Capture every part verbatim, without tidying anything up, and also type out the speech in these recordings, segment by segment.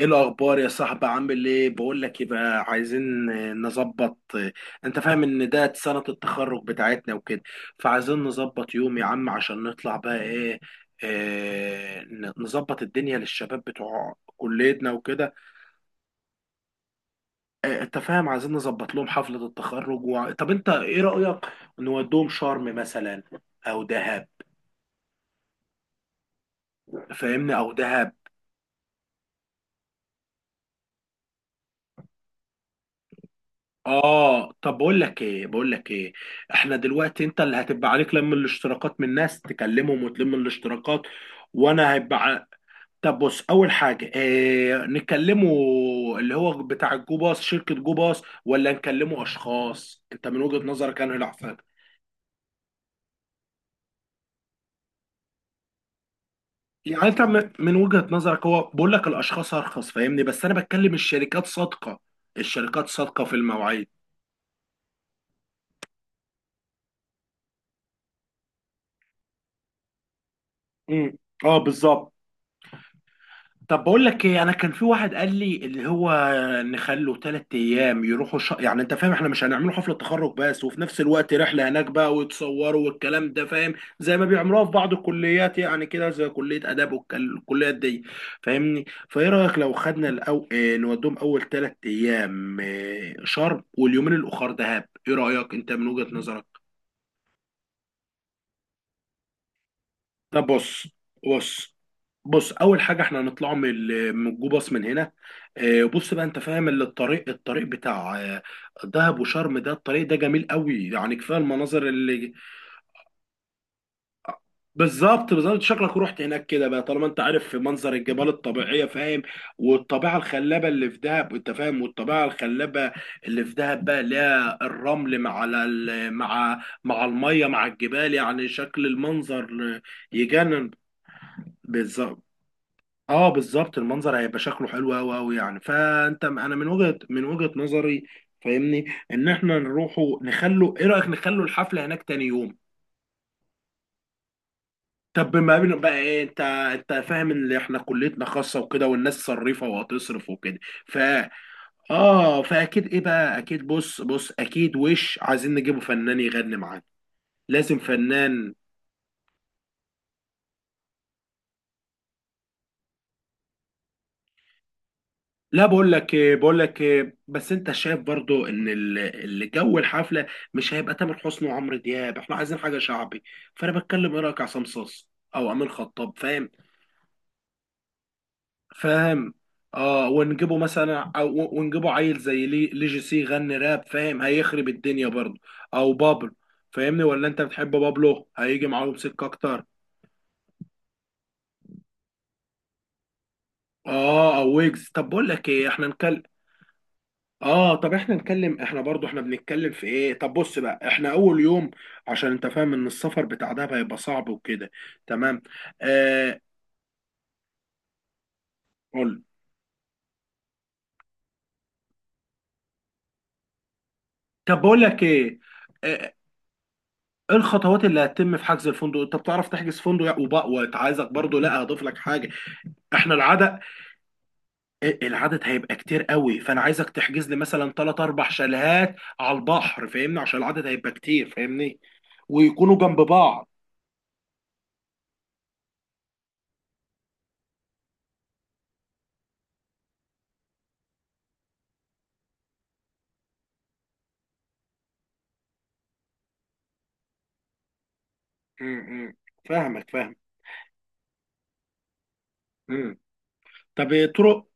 ايه الاخبار يا صاحبي؟ عامل ايه؟ بقول لك، يبقى عايزين آه، نظبط آه، انت فاهم ان ده سنة التخرج بتاعتنا وكده. فعايزين نظبط يوم يا عم عشان نطلع بقى ايه. آه، ن- نظبط الدنيا للشباب بتوع كليتنا وكده. آه، انت فاهم عايزين نظبط لهم حفلة التخرج و... طب انت ايه رأيك؟ نودوهم شرم مثلا، او دهب. فاهمني، او دهب. اه، طب بقول لك ايه بقول لك ايه احنا دلوقتي انت اللي هتبقى عليك لم الاشتراكات من ناس تكلمهم وتلم الاشتراكات، وانا هيبقى ع- طب بص، اول حاجه إيه نكلمه؟ اللي هو بتاع الجو باص، شركه جو باص، ولا نكلمه اشخاص؟ انت من وجهه نظرك انا العفان. يعني انت من من وجهه نظرك، هو بقول لك الاشخاص ارخص، فاهمني، بس انا بتكلم الشركات صادقه. الشركات صادقه في المواعيد. امم. اه، بالظبط. طب بقول لك ايه، انا كان في واحد قال لي اللي هو نخلوا ثلاث ايام يروحوا ش... يعني انت فاهم احنا مش هنعمله حفله تخرج بس، وفي نفس الوقت رحله هناك بقى ويتصوروا والكلام ده، فاهم؟ زي ما بيعملوها في بعض الكليات، يعني كده زي كليه اداب والكليات دي. فاهمني، فايه رايك لو خدنا الأو... اه، نودهم اول ثلاث ايام اه شرم واليومين الاخر دهب. ايه رايك انت من وجهه نظرك؟ طب بص بص بص اول حاجه احنا هنطلع من ال- من جو باص من هنا. آه، بص بقى، انت فاهم اللي الطريق الطريق بتاع آه، دهب وشرم، ده الطريق ده جميل قوي، يعني كفايه المناظر اللي، بالظبط بالظبط، شكلك رحت هناك كده بقى، طالما انت عارف منظر الجبال الطبيعيه. فاهم؟ والطبيعه الخلابه اللي في دهب، انت فاهم، والطبيعه الخلابه اللي في دهب بقى، اللي هي الرمل مع ال- مع مع الميه مع الجبال، يعني شكل المنظر يجنن. بالظبط. اه، بالظبط، المنظر هيبقى شكله حلو قوي قوي، يعني فانت انا من وجهة من وجهة نظري، فاهمني، ان احنا نروحوا نخلوا، ايه رأيك نخلوا الحفلة هناك تاني يوم؟ طب ما بين بقى ايه، انت انت فاهم ان احنا كليتنا خاصة وكده والناس صريفة وهتصرف وكده. ف اه، فاكيد ايه بقى، اكيد، بص بص اكيد وش عايزين نجيبه فنان يغني معانا. لازم فنان. لا، بقول لك إيه، بقول لك إيه، بس انت شايف برضو ان ال- اللي جو الحفله مش هيبقى تامر حسني وعمرو دياب. احنا عايزين حاجه شعبي. فانا بتكلم، ايه رايك عصام صاص او امين خطاب؟ فاهم. فاهم. اه، ونجيبه مثلا، او ونجيبه عيل زي لي لي جي سي، غني راب، فاهم؟ هيخرب الدنيا برضو. او بابلو، فاهمني، ولا انت بتحب بابلو، هيجي معاهم سكه اكتر. اه، او ويجز. طب بقول لك ايه، احنا نكلم، اه، طب احنا نتكلم. احنا برضو احنا بنتكلم في ايه؟ طب بص بقى، احنا اول يوم، عشان انت فاهم ان السفر بتاع دهب هيبقى صعب وكده، تمام. آه، قول. طب بقول لك ايه، آه، ايه الخطوات اللي هتتم في حجز الفندق؟ انت بتعرف تحجز فندق وبقى، وعايزك برضو، لا هضيف لك حاجه. احنا العدد، إيه، العدد هيبقى كتير قوي، فانا عايزك تحجز لي مثلا ثلاث اربع شاليهات على البحر، فاهمني، عشان العدد هيبقى كتير، فاهمني، ويكونوا جنب بعض. م- م. فاهمك، فاهم. م. طب، طرق،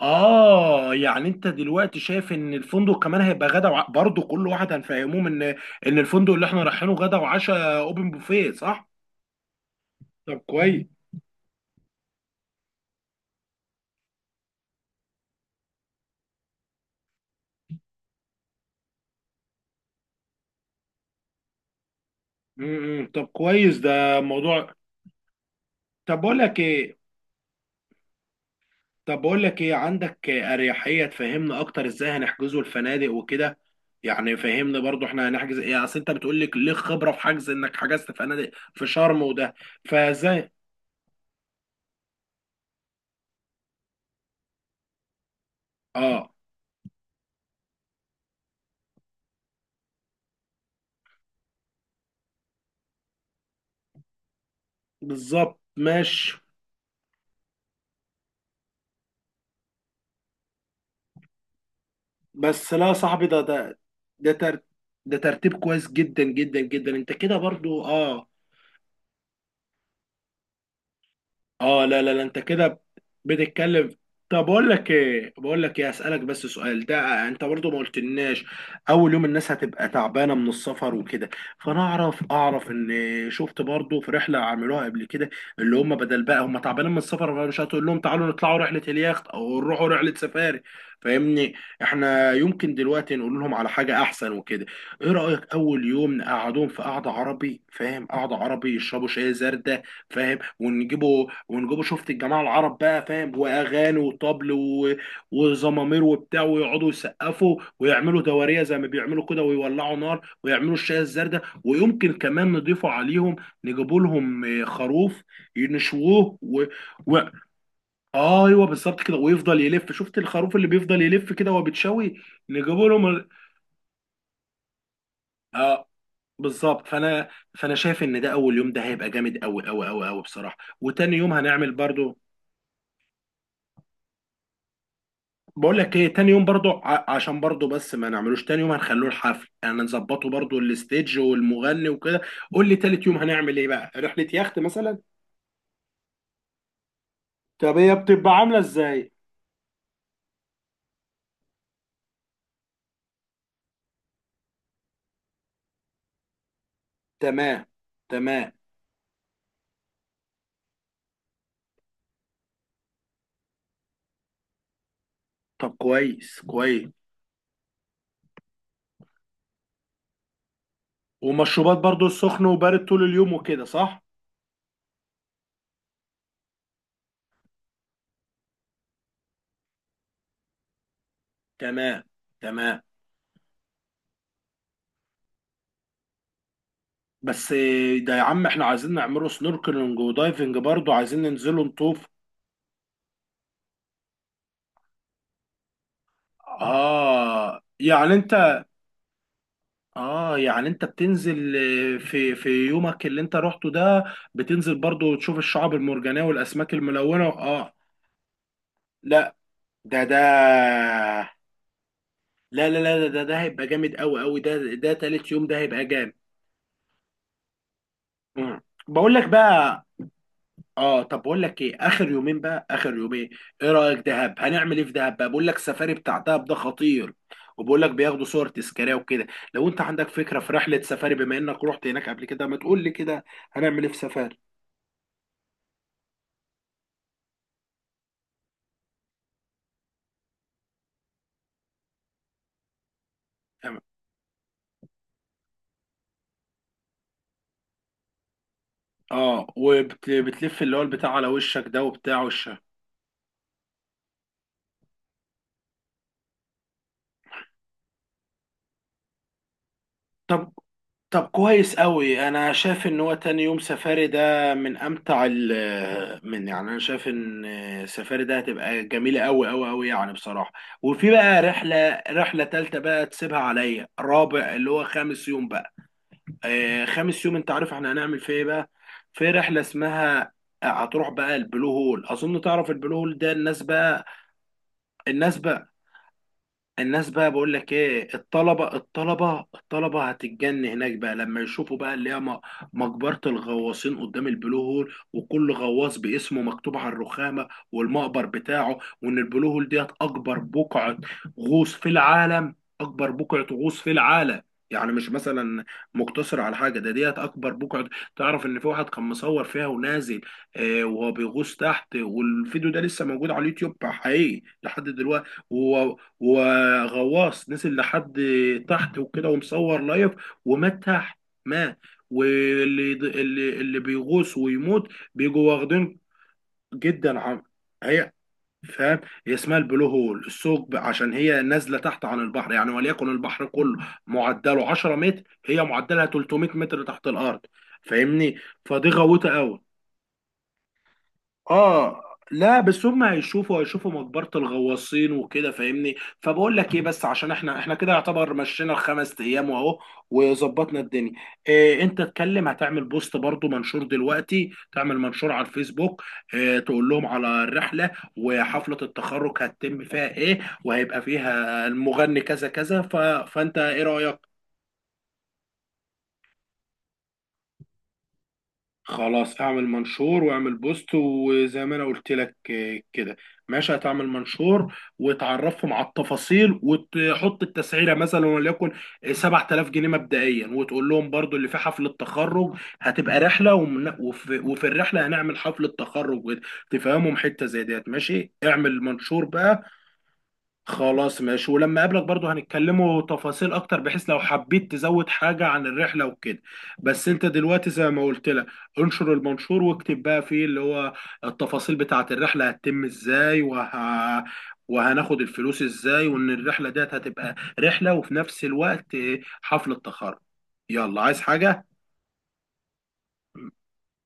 اه، يعني انت دلوقتي شايف ان الفندق كمان هيبقى غدا وع... برضه كل واحد هنفهمهم ان ان الفندق اللي احنا رايحينه غدا وعشاء اوبن بوفيه، صح؟ طب كويس. امم. طب كويس، ده موضوع. طب بقول لك ايه، طب بقول لك ايه عندك اريحيه تفهمنا اكتر ازاي هنحجزه الفنادق وكده؟ يعني فهمني برضو احنا هنحجز ايه، اصل انت بتقول لك ليه خبره في حجز، انك حجزت فنادق في شرم وده، فازاي؟ اه، بالظبط، ماشي. بس لا يا صاحبي، ده ده ده تر... ده ترتيب كويس جدا جدا جدا. انت كده برضو، اه. اه، لا لا لا، انت كده بتتكلم. طب اقول لك ايه بقول لك ايه، اسالك بس سؤال، ده انت برضو ما قلتلناش. اول يوم الناس هتبقى تعبانه من السفر وكده، فانا اعرف اعرف ان، شفت برضو في رحله عملوها قبل كده، اللي هم بدل بقى هم تعبانين من السفر، فمش هتقول لهم تعالوا نطلعوا رحله اليخت او نروحوا رحله سفاري، فاهمني. احنا يمكن دلوقتي نقول لهم على حاجه احسن وكده. ايه رايك اول يوم نقعدهم في قعده عربي، فاهم؟ قعده عربي، يشربوا شاي زردة، فاهم، ونجيبوا ومن جوه شفت الجماعه العرب بقى، فاهم، واغاني وطبل و... وزمامير وبتاع، ويقعدوا يسقفوا ويعملوا دواريه زي ما بيعملوا كده، ويولعوا نار ويعملوا الشاي الزردة، ويمكن كمان نضيفوا عليهم، نجيبوا لهم آه، خروف ينشووه و... و... آه، ايوه، بالظبط كده، ويفضل يلف، شفت الخروف اللي بيفضل يلف كده وهو بيتشوي. نجيبوا لهم ال- اه، بالظبط. فانا، فانا شايف ان ده اول يوم ده هيبقى جامد قوي قوي قوي قوي بصراحه. وتاني يوم هنعمل برضو، بقول لك ايه، تاني يوم برضو ع- عشان برضو، بس ما نعملوش تاني يوم، هنخلوه الحفل يعني، نظبطه برضو، الستيج والمغني وكده. قول لي تالت يوم هنعمل ايه بقى، رحلة يخت مثلا؟ طب هي بتبقى عاملة ازاي؟ تمام، تمام. طب كويس كويس. ومشروبات برضو سخن وبارد طول اليوم وكده، صح؟ تمام، تمام. بس إيه ده يا عم، احنا عايزين نعمله سنوركلينج ودايفنج برضو، عايزين ننزله نطوف. اه يعني انت اه يعني انت بتنزل، آه، في في يومك اللي انت رحته ده بتنزل برضو تشوف الشعاب المرجانية والاسماك الملونة، اه. لا ده ده لا لا لا، ده ده, ده هيبقى جامد قوي قوي، ده ده تالت يوم ده هيبقى جامد. مم. بقول لك بقى، اه، طب بقول لك ايه، اخر يومين بقى اخر يومين، ايه رأيك دهب هنعمل ايه في دهب بقى؟ بقول لك سفاري بتاع دهب ده خطير، وبقول لك بياخدوا صور تذكاريه وكده. لو انت عندك فكرة في رحلة سفاري، بما انك رحت هناك قبل كده، ما تقول لي كده، هنعمل ايه في سفاري؟ اه، وبتلف اللي هو البتاع على وشك ده وبتاع وشها. طب طب كويس قوي، انا شايف ان هو تاني يوم سفاري ده من امتع ال من، يعني انا شايف ان سفاري ده هتبقى جميله قوي قوي قوي، يعني بصراحه. وفي بقى رحله، رحله تالته بقى تسيبها عليا، رابع اللي هو خامس يوم بقى. آه، خامس يوم انت عارف احنا هنعمل فيه ايه بقى؟ في رحله اسمها، هتروح بقى البلو هول، اظن تعرف البلو هول ده. الناس بقى الناس بقى الناس بقى، بقول لك ايه، الطلبه الطلبه الطلبه هتتجن هناك بقى، لما يشوفوا بقى اللي هي م- مقبره الغواصين قدام البلو هول، وكل غواص باسمه مكتوب على الرخامه والمقبر بتاعه، وان البلو هول ديت اكبر بقعه غوص في العالم. اكبر بقعه غوص في العالم، يعني مش مثلا مقتصر على حاجه، ده ديت اكبر بقعه. تعرف ان في واحد كان مصور فيها ونازل، آه، وهو بيغوص تحت، والفيديو ده لسه موجود على اليوتيوب حقيقي لحد دلوقتي. وغواص نزل لحد تحت وكده، ومصور لايف، ومات تحت. مات. واللي اللي اللي بيغوص ويموت بيجوا واخدين، جدا عن، هي، فاهم، هي اسمها البلو هول الثقب، عشان هي نازله تحت عن البحر، يعني وليكن البحر كله معدله عشرة متر، هي معدلها ثلاث مية متر تحت الارض، فاهمني، فدي غويطه قوي. اه، لا بس هم هيشوفوا هيشوفوا مقبرة الغواصين وكده، فاهمني. فبقول لك ايه، بس عشان احنا احنا كده يعتبر مشينا الخمس ايام، واهو وظبطنا الدنيا. إيه انت اتكلم، هتعمل بوست برضو، منشور دلوقتي، تعمل منشور على الفيسبوك، إيه تقول لهم على الرحلة، وحفلة التخرج هتتم فيها ايه، وهيبقى فيها المغني كذا كذا ف... فانت ايه رأيك؟ خلاص اعمل منشور واعمل بوست، وزي ما انا قلت لك آه، كده. ماشي هتعمل منشور، وتعرفهم على التفاصيل، وتحط التسعيره مثلا، وليكن سبعة آلاف جنيه مبدئيا. وتقول لهم برضو اللي في حفله تخرج هتبقى رحله ومن- وفي, وفي الرحله هنعمل حفله تخرج وت- تفهمهم حته زي ديت. ماشي، اعمل منشور بقى. خلاص ماشي، ولما اقابلك برضو هنتكلموا تفاصيل اكتر، بحيث لو حبيت تزود حاجة عن الرحلة وكده. بس انت دلوقتي زي ما قلت لك، انشر المنشور، واكتب بقى فيه اللي هو التفاصيل بتاعة الرحلة هتتم ازاي، وه... وهناخد الفلوس ازاي، وان الرحلة ديت هتبقى رحلة، وفي نفس الوقت حفلة تخرج. يلا، عايز حاجة؟